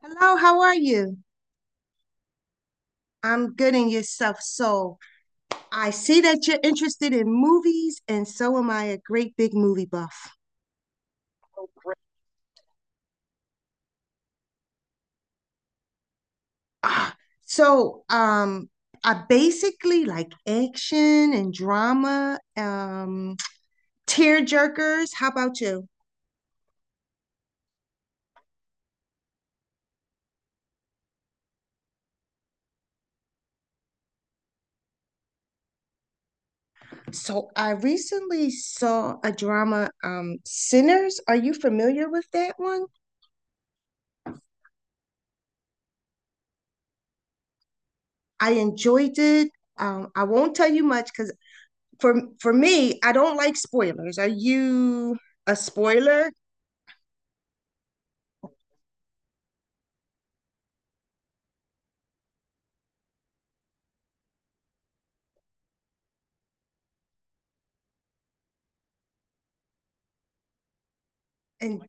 Hello, how are you? I'm good in yourself. So I see that you're interested in movies, and so am I, a great big movie buff. Ah, so um, I basically like action and drama, tear jerkers. How about you? So I recently saw a drama, Sinners. Are you familiar with that one? I enjoyed it. I won't tell you much because for me, I don't like spoilers. Are you a spoiler? And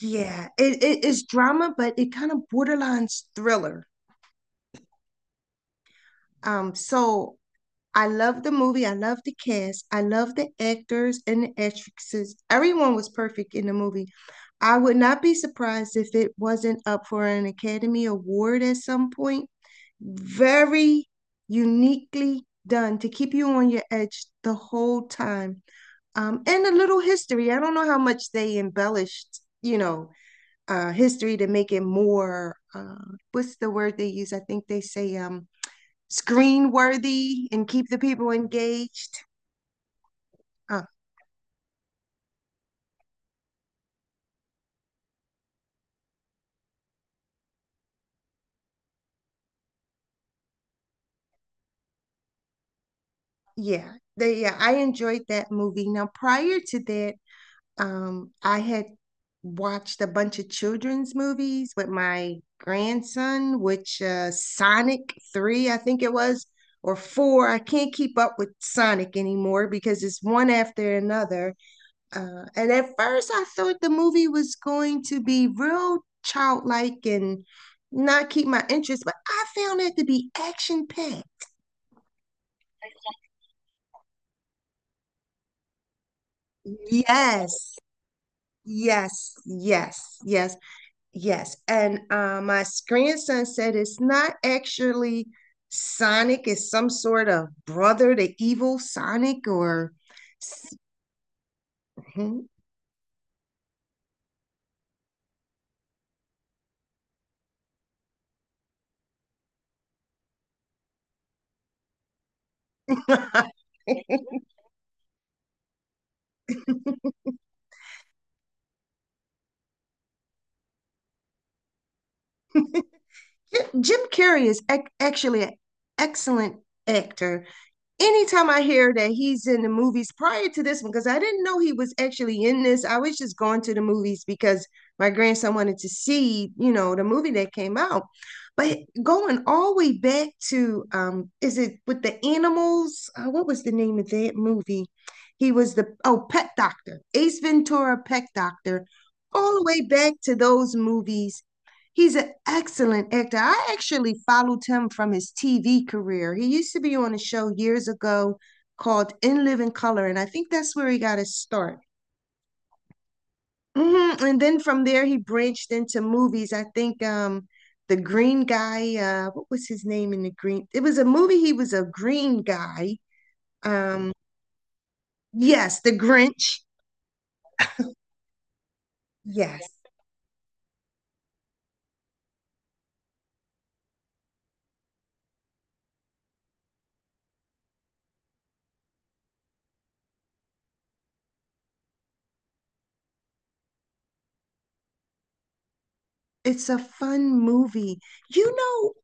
Yeah, it is drama, but it kind of borderlines thriller. Um, so I love the movie. I love the cast. I love the actors and the actresses. Everyone was perfect in the movie. I would not be surprised if it wasn't up for an Academy Award at some point. Very uniquely done to keep you on your edge the whole time. And a little history I don't know how much they embellished, history to make it more. What's the word they use? I think they say screen worthy and keep the people engaged. Uh, Yeah, yeah, I enjoyed that movie. Now, prior to that, I had watched a bunch of children's movies with my grandson, which Sonic 3, I think it was, or 4. I can't keep up with Sonic anymore because it's one after another. And at first, I thought the movie was going to be real childlike and not keep my interest, but I found it to be action packed. Yes, yes, yes, yes, yes. And my grandson said it's not actually Sonic, it's some sort of brother to evil Sonic or. s- Jim Carrey is actually an excellent actor anytime I hear that he's in the movies prior to this one, because I didn't know he was actually in this. I was just going to the movies because my grandson wanted to see, you know, the movie that came out. But going all the way back to, is it with the animals? What was the name of that movie? He was the, oh, Pet Doctor, Ace Ventura, Pet Doctor, all the way back to those movies. He's an excellent actor. I actually followed him from his TV career. He used to be on a show years ago called In Living Color, and I think that's where he got his start. Hmm. And then from there, he branched into movies. I think the green guy, what was his name in the green? It was a movie. He was a green guy. Um, yes, The Grinch. Yes. It's a fun movie. You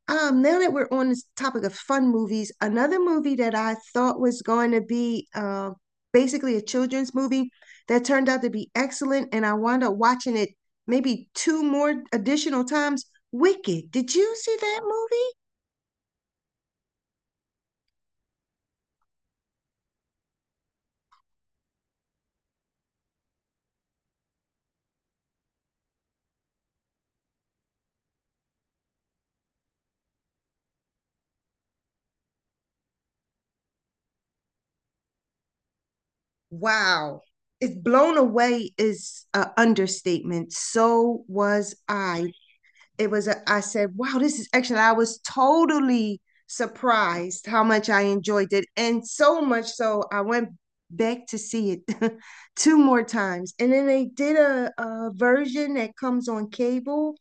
Now that we're on this topic of fun movies, another movie that I thought was going to be basically a children's movie that turned out to be excellent, and I wound up watching it maybe two more additional times. Wicked. Did you see that movie? Wow. It's Blown away is an understatement. So was I. I said, wow, this is excellent. I was totally surprised how much I enjoyed it. And so much so, I went back to see it two more times. And then they did a version that comes on cable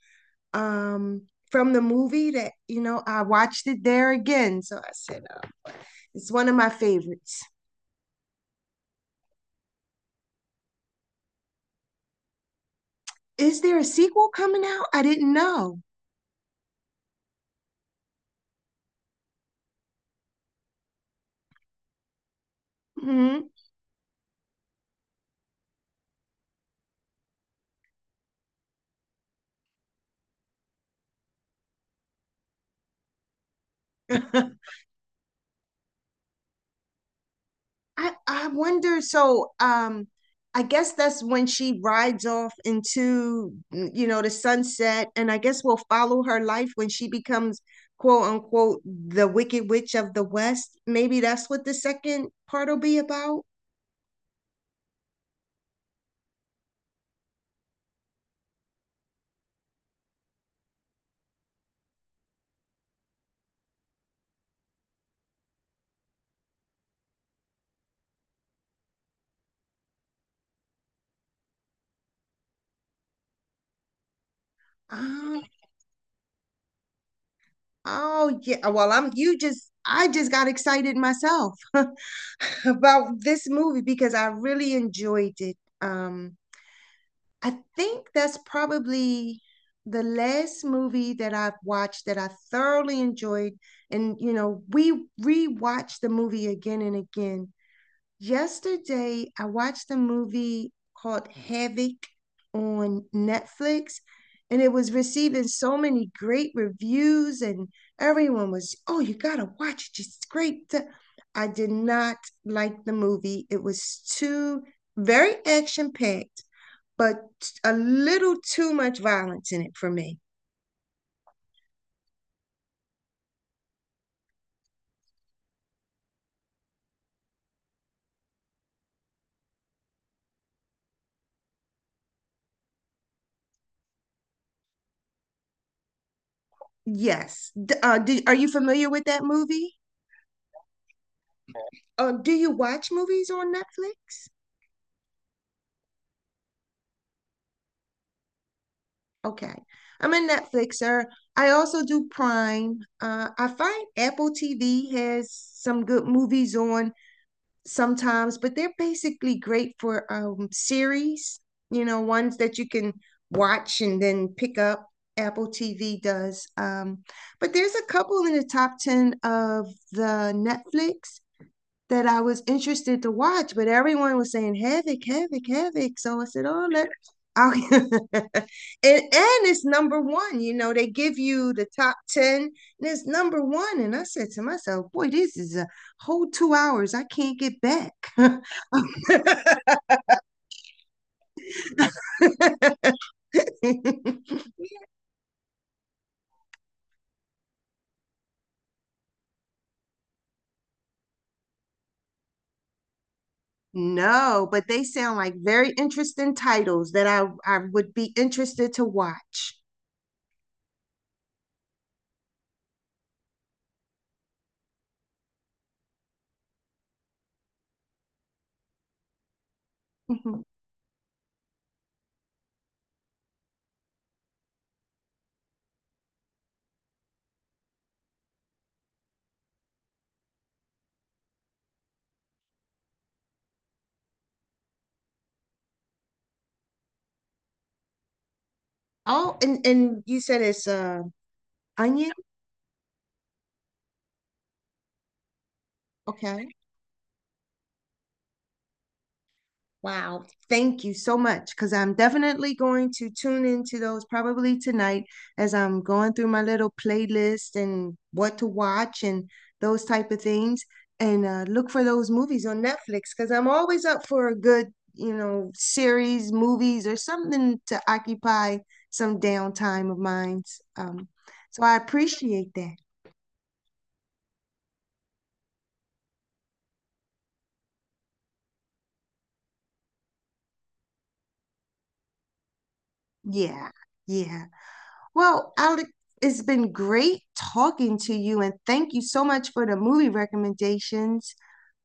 um, from the movie that, you know, I watched it there again. So I said, it's one of my favorites. Is there a sequel coming out? I didn't know. Hmm. I wonder. So, I guess that's when she rides off into, you know, the sunset, and I guess we'll follow her life when she becomes quote unquote the Wicked Witch of the West. Maybe that's what the second part will be about. Um, oh yeah. Well, I just got excited myself about this movie because I really enjoyed it. I think that's probably the last movie that I've watched that I thoroughly enjoyed. And, you know, we rewatched the movie again and again. Yesterday, I watched a movie called Havoc on Netflix, and it was receiving so many great reviews, and everyone was, oh, you gotta watch it. It's great. I did not like the movie. It was too very action packed, but a little too much violence in it for me. Yes. Are you familiar with that movie? Do you watch movies on Netflix? Okay. I'm a Netflixer. I also do Prime. I find Apple TV has some good movies on sometimes, but they're basically great for series, you know, ones that you can watch and then pick up. Apple TV does. But there's a couple in the top 10 of the Netflix that I was interested to watch, but everyone was saying Havoc, Havoc, Havoc. So I said, oh, let i and, and it's number one. You know, they give you the top 10 and it's number one. And I said to myself, boy, this is a whole 2 hours. I can't get back. No, but they sound like very interesting titles that I would be interested to watch. Oh, and you said it's Onion? Okay. Wow. Thank you so much. Because I'm definitely going to tune into those probably tonight as I'm going through my little playlist and what to watch and those type of things. And look for those movies on Netflix because I'm always up for a good, you know, series, movies, or something to occupy some downtime of mine. Um, so I appreciate that. Yeah. Yeah. Well, Alec, it's been great talking to you, and thank you so much for the movie recommendations.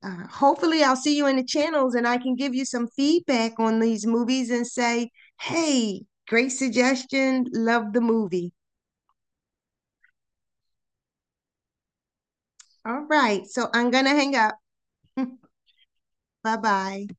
Hopefully, I'll see you in the channels and I can give you some feedback on these movies and say, hey, great suggestion, love the movie. All right, so I'm gonna hang up. Bye bye.